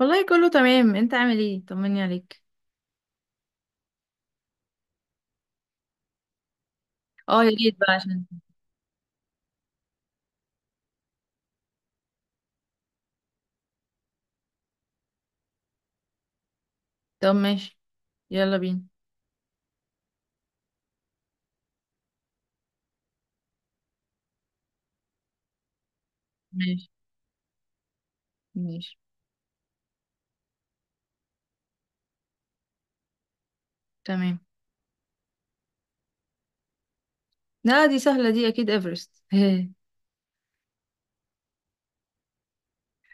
والله كله تمام. انت عامل ايه؟ طمني عليك. اه يا ريت بقى عشان. طب ماشي، يلا بينا. ماشي ماشي، تمام. لا دي سهلة، دي اكيد ايفرست.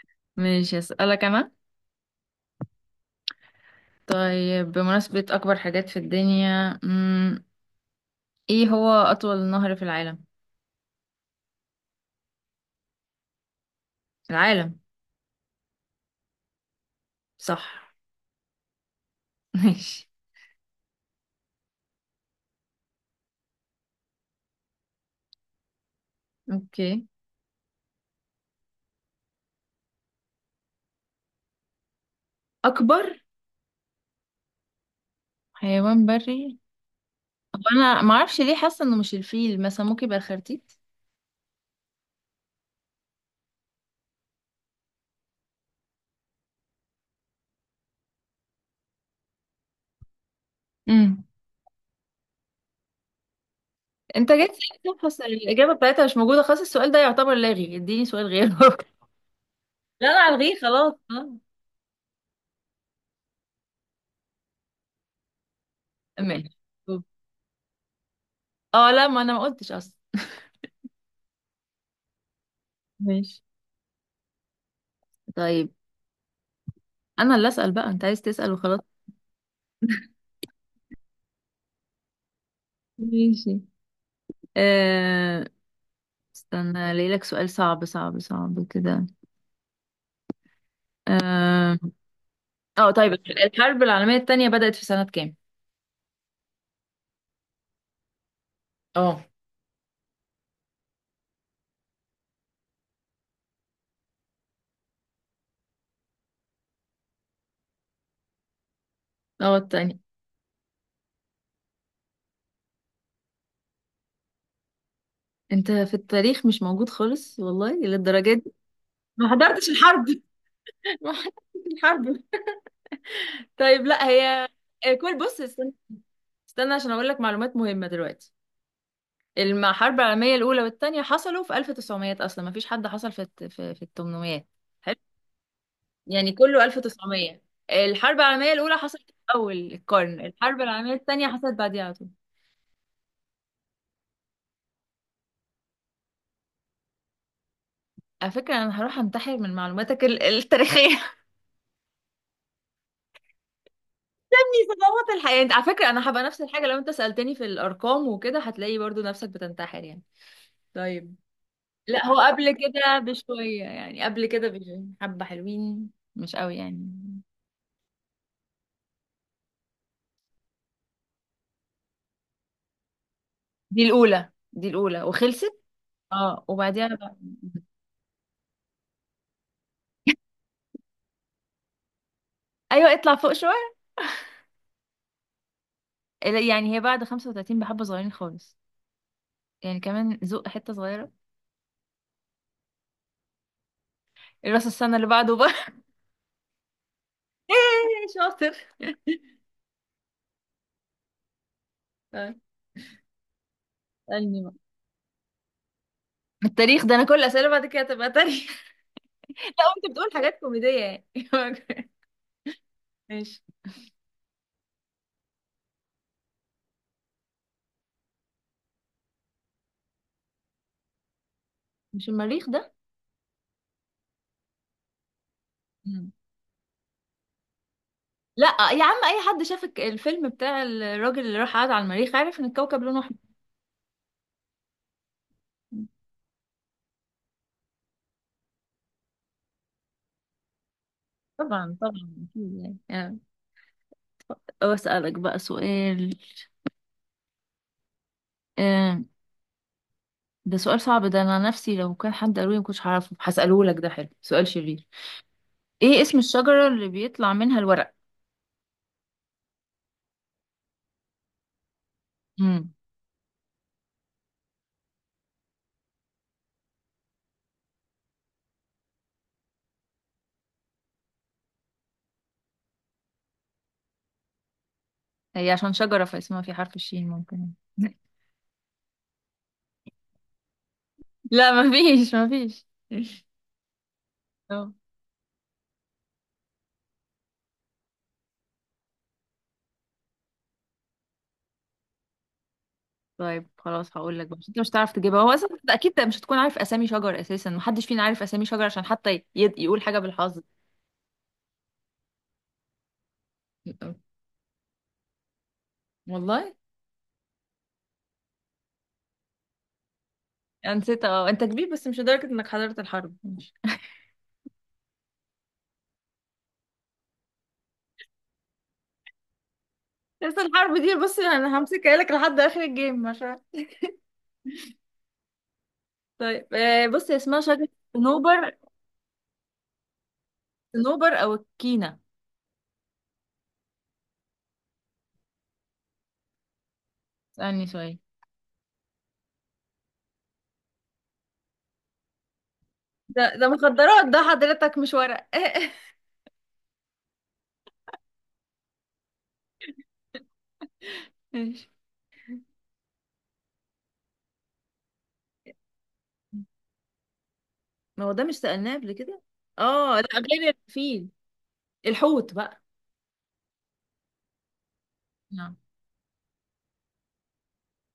ماشي، اسألك انا. طيب بمناسبة اكبر حاجات في الدنيا، مم. ايه هو اطول نهر في العالم؟ العالم. صح. ماشي. اوكي. اكبر حيوان بري؟ هو انا معرفش ليه حاسة انه مش الفيل، مثلا ممكن يبقى الخرتيت. انت جاي تسألني تفحص الإجابة بتاعتها مش موجودة، خلاص السؤال ده يعتبر لاغي، اديني سؤال غيره. لا انا الغيه خلاص. آه. ماشي. اه لا، ما انا ما قلتش اصلا. ماشي. طيب انا اللي اسأل بقى، انت عايز تسأل وخلاص. ماشي. آه... استنى الاقي لك سؤال صعب صعب صعب كده. اه. طيب. الحرب العالمية التانية بدأت في سنة كام؟ اه. اه التانية. انت في التاريخ مش موجود خالص، والله للدرجة دي. ما حضرتش الحرب. ما حضرتش الحرب. طيب لا هي. كل بص استنى. استنى عشان اقول لك معلومات مهمة دلوقتي. الحرب العالمية الأولى والتانية حصلوا في 1900، أصلا ما فيش حد حصل في ال 800. حلو. يعني كله 1900. الحرب العالمية الأولى حصلت في أول القرن، الحرب العالمية التانية حصلت بعديها على طول. على فكرة أنا هروح أنتحر من معلوماتك التاريخية. دي صدمات الحياة. انت على فكرة أنا هبقى نفس الحاجة، لو أنت سألتني في الأرقام وكده هتلاقي برضو نفسك بتنتحر يعني. طيب لا، هو قبل كده بشوية، يعني قبل كده بحبة حلوين. مش قوي يعني. دي الأولى، دي الأولى وخلصت. اه وبعديها بقى. أيوة، اطلع فوق شوية. لا، يعني هي بعد 35 بحبة صغيرين خالص. يعني كمان زق حتة صغيرة. الراس السنة اللي بعده بقى. يا شاطر. آه، اسألني بقى. التاريخ ده، أنا كل أسئلة بعد كده هتبقى تاريخ. لا. وأنت بتقول حاجات كوميدية يعني. ماشي. مش المريخ ده؟ لا يا عم، اي حد شاف الفيلم بتاع الراجل اللي راح قعد على المريخ عارف ان الكوكب لونه احمر. طبعا طبعا اكيد، يعني يعني. طب اسالك بقى سؤال. آه، ده سؤال صعب، ده انا نفسي لو كان حد قالولي ما كنتش هعرفه، هساله لك، ده حلو، سؤال شرير. ايه اسم الشجره اللي بيطلع منها الورق؟ امم. هي عشان شجره فاسمها في حرف الشين ممكن. لا مفيش مفيش. اه. طيب خلاص هقول لك بقى، عشان انت مش هتعرف تجيبها، هو اصلا انت اكيد مش هتكون عارف اسامي شجر، اساسا محدش فينا عارف اسامي شجر عشان حتى يقول حاجه بالحظ. والله انا نسيت، اه انت كبير بس مش لدرجه انك حضرت الحرب، ماشي. بس الحرب دي بص انا همسكها لك لحد اخر الجيم عشان. طيب بص هي اسمها شجره. صنوبر. صنوبر او الكينا. اسألني سؤال. ده ده مخدرات ده حضرتك، مش ورق. ماشي. ما هو ده مش سألناه قبل كده؟ اه لا، غير الفيل. الحوت بقى. نعم.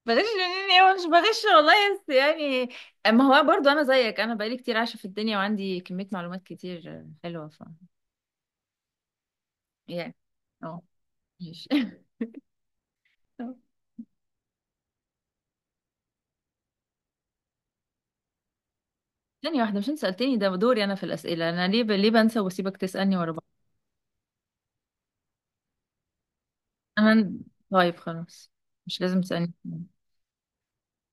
بلاش يعني، هو مش بغش والله بس يعني. ما هو برضو انا زيك، انا بقالي كتير عايشه في الدنيا وعندي كميه معلومات كتير حلوه، ف يعني. اه، ماشي. ثانيه واحده، مش انت سالتني ده دوري انا في الاسئله، انا ليه ليه بنسى واسيبك تسالني ورا بعض؟ انا. طيب خلاص، مش لازم تسالني.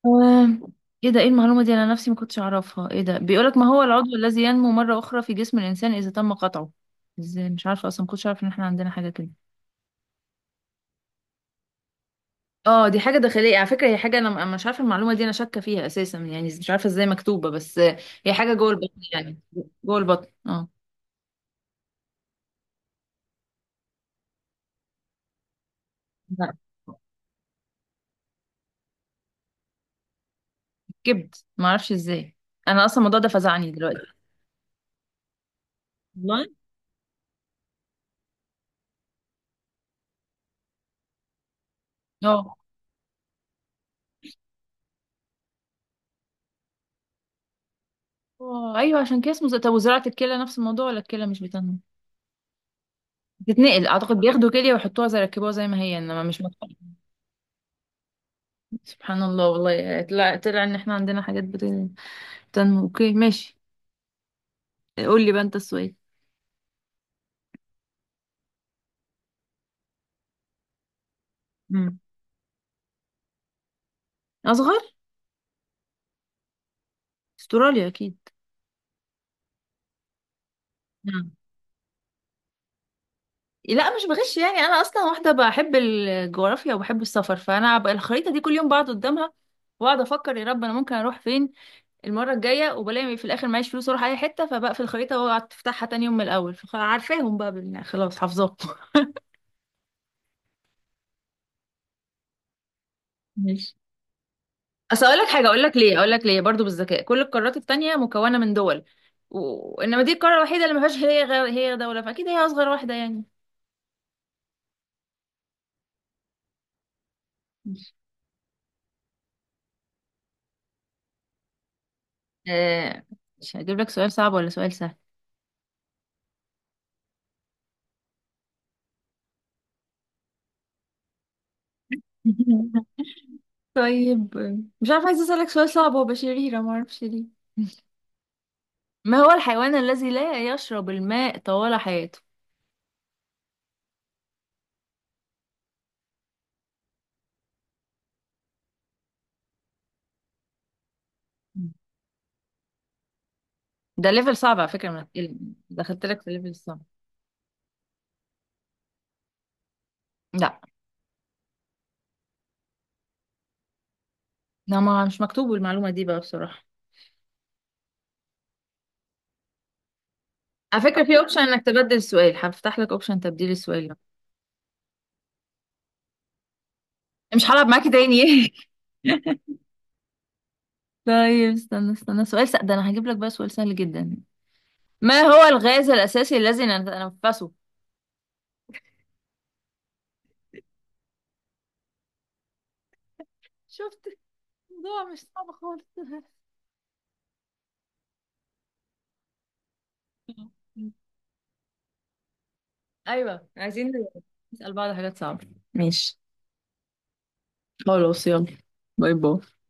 آم، ايه ده، ايه المعلومه دي؟ انا نفسي ما كنتش اعرفها. ايه ده بيقولك ما هو العضو الذي ينمو مره اخرى في جسم الانسان اذا تم قطعه؟ ازاي مش عارفه؟ اصلا ما كنتش عارفه ان احنا عندنا حاجه كده. اه دي حاجة داخلية على فكرة، هي حاجة أنا مش عارفة المعلومة دي، انا شاكة فيها اساسا يعني، مش عارفة ازاي مكتوبة بس. هي حاجة جوه البطن يعني. جوه البطن اه. لا، كبد. ما اعرفش ازاي. انا اصلا الموضوع ده فزعني دلوقتي. والله. اه. آه، ايوه عشان كده اسمه طب وزراعة الكلى نفس الموضوع ولا الكلى مش بتنمو؟ بتتنقل اعتقد، بياخدوا كلية ويحطوها زي يركبوها زي ما هي، انما مش مطلع. سبحان الله والله، طلع طلع ان احنا عندنا حاجات بتنمو. اوكي ماشي، قول لي بقى انت السؤال. مم. اصغر. استراليا اكيد. لا مش بغش يعني، انا اصلا واحده بحب الجغرافيا وبحب السفر، فانا بقى الخريطه دي كل يوم بقعد قدامها واقعد افكر يا رب انا ممكن اروح فين المره الجايه، وبلاقي في الاخر معيش فلوس اروح اي حته، فبقفل الخريطه واقعد افتحها تاني يوم من الاول، فعارفاهم بقى يعني خلاص حافظاهم. ماشي. اصل اقول لك حاجه، اقول لك ليه، اقول لك ليه برضو بالذكاء، كل القارات التانية مكونه من دول وانما دي القاره الوحيده اللي ما فيهاش هي غير هي، دوله، فاكيد هي اصغر واحده يعني. ماشي. آه، مش هجيب لك سؤال صعب ولا سؤال سهل. طيب. مش عارفة، عايزة أسألك سؤال صعب هو بشريرة معرفش ليه. ما هو الحيوان الذي لا يشرب الماء طوال حياته؟ ده ليفل صعب على فكرة من العلم. دخلت لك في ليفل صعب. لا. لا ما مش مكتوب المعلومة دي بقى بصراحة. على فكرة في اوبشن انك تبدل السؤال، هفتح لك اوبشن تبديل السؤال ده. مش هلعب معاكي تاني. طيب استنى استنى، سؤال سهل، ده انا هجيب لك بقى سؤال سهل جدا. ما هو الغاز الاساسي الذي نتنفسه؟ شفت، الموضوع مش صعب خالص. ايوه عايزين نسأل بعض حاجات صعبة. ماشي. خلاص يلا، باي باي.